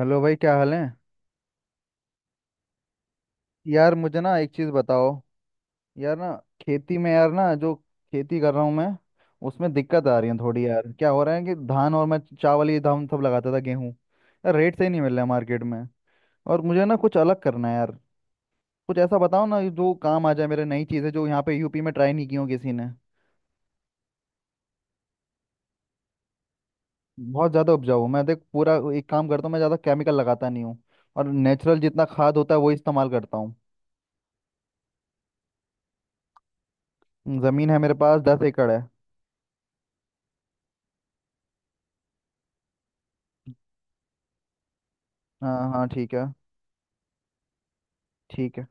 Hello भाई, क्या हाल है। यार, मुझे ना एक चीज़ बताओ। यार ना। खेती में यार ना, जो खेती कर रहा हूँ मैं, उसमें दिक्कत आ रही है थोड़ी। यार क्या हो रहा है कि धान, और मैं चावल ये धान सब लगाता था, गेहूँ। यार रेट सही नहीं मिल रहा है मार्केट में। और मुझे ना कुछ अलग करना है यार। कुछ ऐसा बताओ ना जो काम आ जाए मेरे, नई चीज़ें जो यहाँ पे यूपी में ट्राई नहीं की हो किसी ने। बहुत ज़्यादा उपजाऊ हूँ मैं, देख। पूरा एक काम करता हूँ, मैं ज़्यादा केमिकल लगाता नहीं हूँ। और नेचुरल जितना खाद होता है वो इस्तेमाल करता हूँ। ज़मीन है मेरे पास, 10 एकड़ है। हाँ हाँ, ठीक है। ठीक है।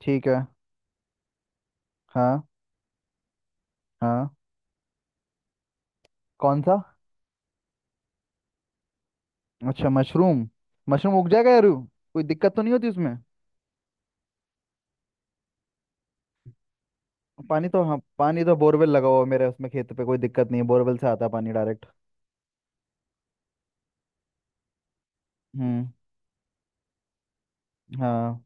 ठीक है। हाँ हाँ। कौन सा। अच्छा, मशरूम। मशरूम उग जाएगा यारू। कोई दिक्कत तो नहीं होती उसमें। पानी तो, हाँ, पानी तो बोरवेल लगा हुआ है मेरे उसमें खेत पे, कोई दिक्कत नहीं है। बोरवेल से आता है पानी डायरेक्ट। हम्म। हाँ।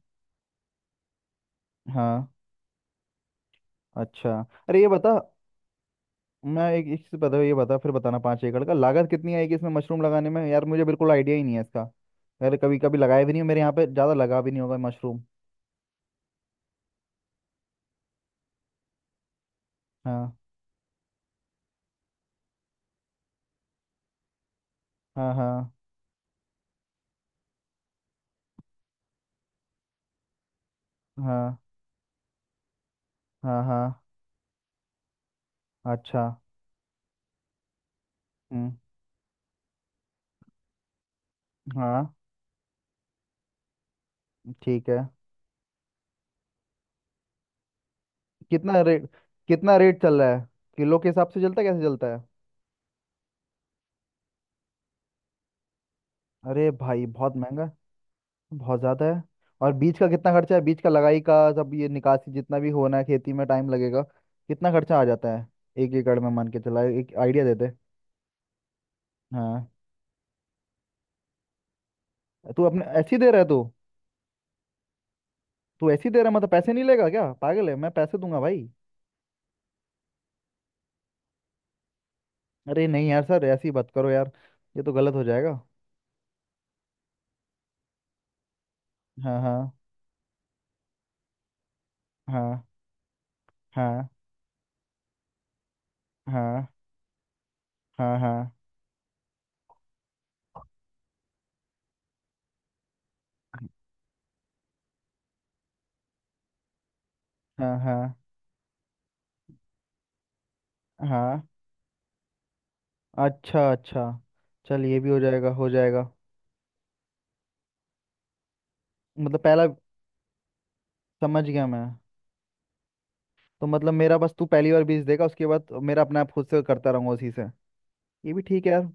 हाँ। अच्छा। अरे ये बता। मैं एक एक चीज़ बता, ये बता फिर बताना। 5 एकड़ का लागत कितनी आएगी इसमें मशरूम लगाने में? यार मुझे बिल्कुल आइडिया ही नहीं है इसका। यार कभी कभी लगाया भी नहीं हूं, मेरे यहाँ पे ज़्यादा लगा भी नहीं होगा मशरूम। हाँ हाँ। हाँ। हाँ हाँ हाँ। हाँ, अच्छा। हम्म। हाँ। ठीक है। कितना रेट? कितना रेट चल रहा है? किलो के हिसाब से चलता है, कैसे चलता है? अरे भाई बहुत महंगा है। बहुत ज़्यादा है। और बीज का कितना खर्चा है, बीज का लगाई का सब, ये निकासी जितना भी होना है, खेती में टाइम लगेगा। कितना खर्चा आ जाता है? एक एकड़ में मान के चला, एक आइडिया दे दे। हाँ। तू अपने ऐसी दे रहा है तू? तू ऐसी दे रहा है मतलब पैसे नहीं लेगा क्या? पागल है, मैं पैसे दूंगा भाई। अरे नहीं यार, सर ऐसी बात करो यार। ये तो गलत हो जाएगा। हाँ हाँ। हाँ। हाँ। हाँ हाँ हाँ। हाँ हाँ हाँ, हाँ, अच्छा अच्छा। चल, ये भी हो जाएगा, हो जाएगा। मतलब पहला। समझ गया मैं। तो मतलब मेरा, बस तू पहली बार बीज देगा, उसके बाद मेरा अपने आप, खुद से करता रहूंगा उसी से। ये भी ठीक है यार।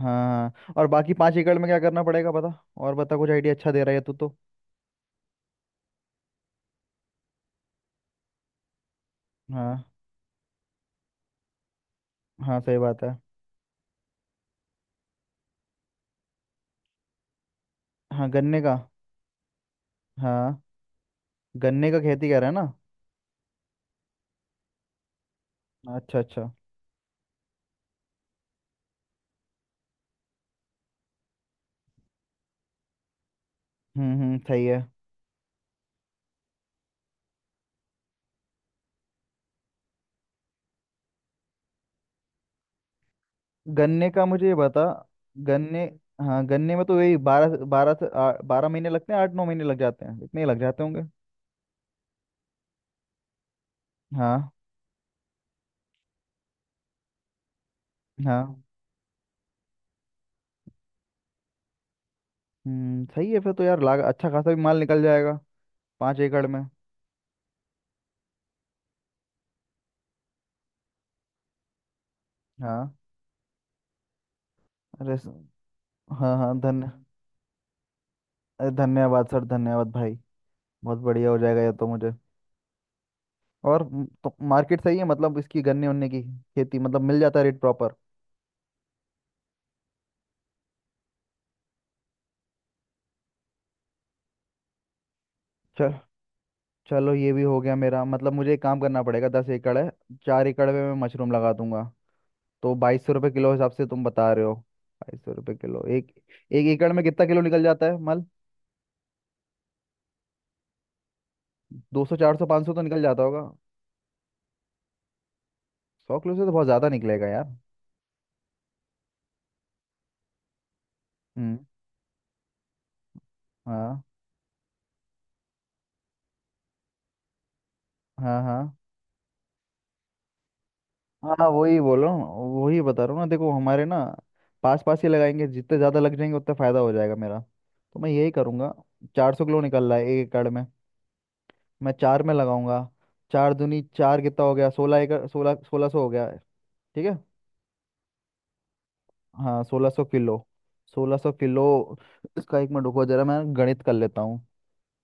हाँ, और बाकी 5 एकड़ में क्या करना पड़ेगा बता। और बता कुछ, आइडिया अच्छा दे रहा है तू तो। हाँ। हाँ सही बात है। हाँ गन्ने का। हाँ, गन्ने का खेती कर रहा है ना? अच्छा अच्छा। हम्म, सही है। गन्ने का मुझे ये बता। गन्ने। हाँ गन्ने में तो यही बारह बारह से- आ- 12 महीने लगते हैं, 8-9 महीने लग जाते हैं, इतने ही लग जाते होंगे। हाँ हाँ। हम्म, सही है। फिर तो यार लाग अच्छा खासा भी माल निकल जाएगा। 5 एकड़ में। हाँ। अरे हाँ हाँ धन्य अरे, धन्यवाद सर, धन्यवाद भाई। बहुत बढ़िया हो जाएगा ये तो मुझे। और तो मार्केट सही है, मतलब इसकी गन्ने उन्ने की खेती मतलब मिल जाता है रेट प्रॉपर। चल। चलो ये भी हो गया। मेरा मतलब, मुझे एक काम करना पड़ेगा। 10 एकड़ है। 4 एकड़ में मैं मशरूम लगा दूंगा। तो 2200 रुपये किलो हिसाब से तुम बता रहे हो। 2200 रुपये किलो, एक। 1 एकड़ में कितना किलो निकल जाता है माल? 200, 400, 500 तो निकल जाता होगा। 100 किलो से तो बहुत ज़्यादा निकलेगा यार। हम्म, हाँ हाँ। हाँ हाँ वही बोल रहा हूँ। वही बता रहा हूँ ना, देखो हमारे ना पास पास ही लगाएंगे, जितने ज़्यादा लग जाएंगे उतना फ़ायदा हो जाएगा मेरा। तो मैं यही करूँगा। 400 किलो निकल रहा है 1 एकड़ में, मैं चार में लगाऊंगा। चार दूनी चार कितना हो गया, सोलह एकड़, सोलह, 1600 हो गया। ठीक है। हाँ, 1600 किलो। 1600 किलो। इसका 1 मिनट रुको, जरा मैं गणित कर लेता हूँ।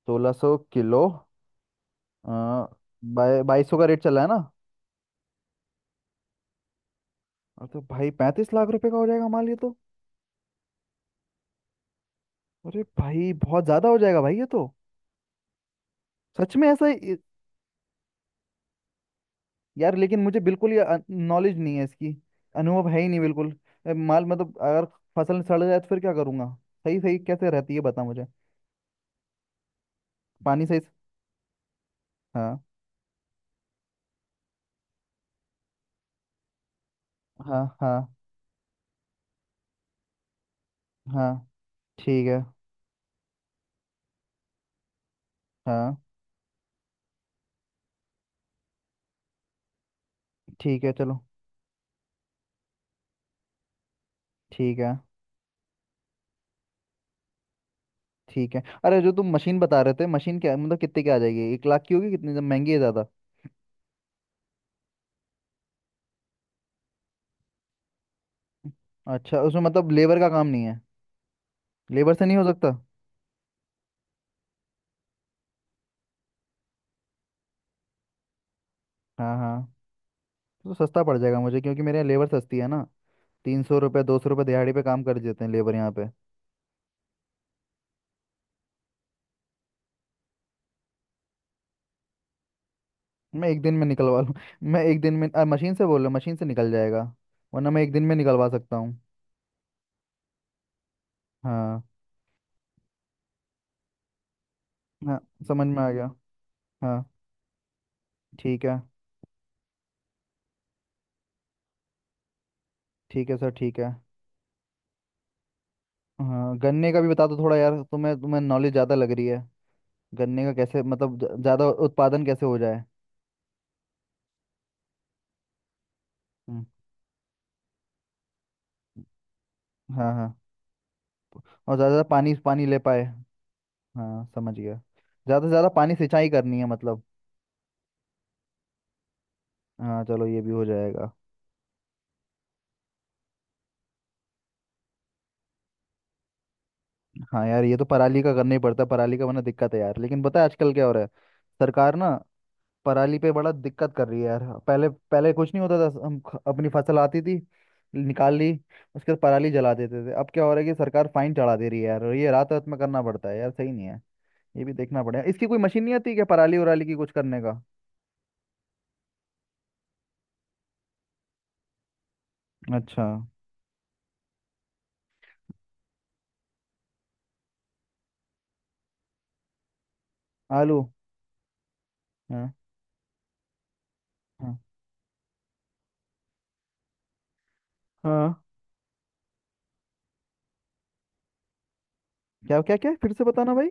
1600 किलो। आ, 2200 का रेट चला है ना। और तो भाई 35 लाख रुपए का हो जाएगा हमारे लिए तो। अरे भाई बहुत ज्यादा हो जाएगा भाई, ये तो। सच में ऐसा ही-। यार लेकिन मुझे बिल्कुल ही नॉलेज नहीं है इसकी। अनुभव है ही नहीं बिल्कुल। माल मतलब अगर फसल सड़ जाए तो फिर क्या करूंगा? सही सही कैसे रहती है बता मुझे। पानी सही। हाँ हाँ हाँ हाँ। ठीक है। हाँ। ठीक है चलो। ठीक है ठीक है। अरे जो तुम मशीन बता रहे थे, मशीन क्या मतलब कितने की आ जाएगी, 1 लाख की होगी, कितनी महंगी है, ज्यादा? अच्छा, उसमें मतलब लेबर का काम नहीं है? लेबर से नहीं हो सकता? हाँ हाँ। तो सस्ता पड़ जाएगा मुझे, क्योंकि मेरे यहाँ लेबर सस्ती है ना। 300 रुपये, 200 रुपये दिहाड़ी पे काम कर देते हैं लेबर यहाँ पे। मैं एक दिन में निकलवा लूँ। मैं एक दिन में, मशीन से बोल रहा हूँ, मशीन से निकल जाएगा। वरना मैं एक दिन में निकलवा सकता हूँ। हाँ। हाँ, समझ में आ गया। हाँ। ठीक है। ठीक है सर, ठीक है। हाँ गन्ने का भी बता दो थोड़ा यार, तुम्हें तुम्हें नॉलेज ज़्यादा लग रही है। गन्ने का कैसे मतलब ज़्यादा उत्पादन कैसे हो जाए? हम्म। हाँ हाँ। और ज़्यादा पानी पानी ले पाए। हाँ समझ गया। ज़्यादा से ज़्यादा पानी सिंचाई करनी है मतलब। हाँ, चलो ये भी हो जाएगा। हाँ यार, ये तो पराली का करना ही पड़ता है, पराली का वरना दिक्कत है यार। लेकिन पता है आजकल क्या हो रहा है। सरकार ना पराली पे बड़ा दिक्कत कर रही है यार। पहले पहले कुछ नहीं होता था, हम अपनी फसल आती थी, निकाल ली। उसके बाद पराली जला देते थे। अब क्या हो रहा है कि सरकार फाइन चढ़ा दे रही है यार, और ये रात रात में करना पड़ता है यार, सही नहीं है। ये भी देखना पड़ेगा, इसकी कोई मशीन नहीं आती क्या पराली उराली की कुछ करने का? अच्छा। आलू? हाँ हाँ हाँ। क्या क्या क्या, फिर से बताना भाई।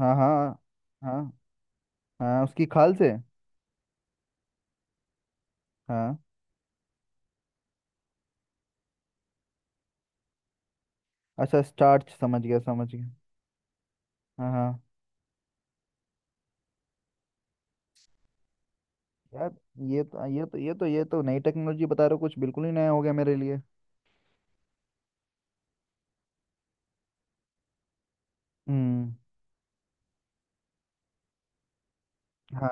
हाँ हाँ। हाँ हाँ, उसकी खाल से। हाँ। अच्छा स्टार्च, समझ गया समझ गया। हाँ हाँ। यार ये तो नई टेक्नोलॉजी बता रहे हो कुछ, बिल्कुल ही नया हो गया मेरे लिए। हम्म। हाँ।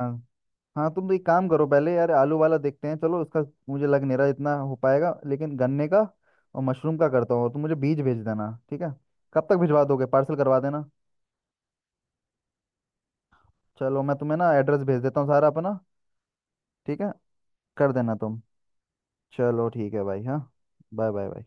हाँ तुम तो एक काम करो पहले यार, आलू वाला देखते हैं चलो उसका। मुझे लग नहीं रहा इतना हो पाएगा, लेकिन गन्ने का और मशरूम का करता हूँ। तुम मुझे बीज भेज देना, ठीक है। कब तक भिजवा दोगे, पार्सल करवा देना। चलो मैं तुम्हें ना एड्रेस भेज देता हूँ सारा अपना। ठीक है। कर देना तुम। चलो ठीक है भाई, हाँ। Bye bye bye.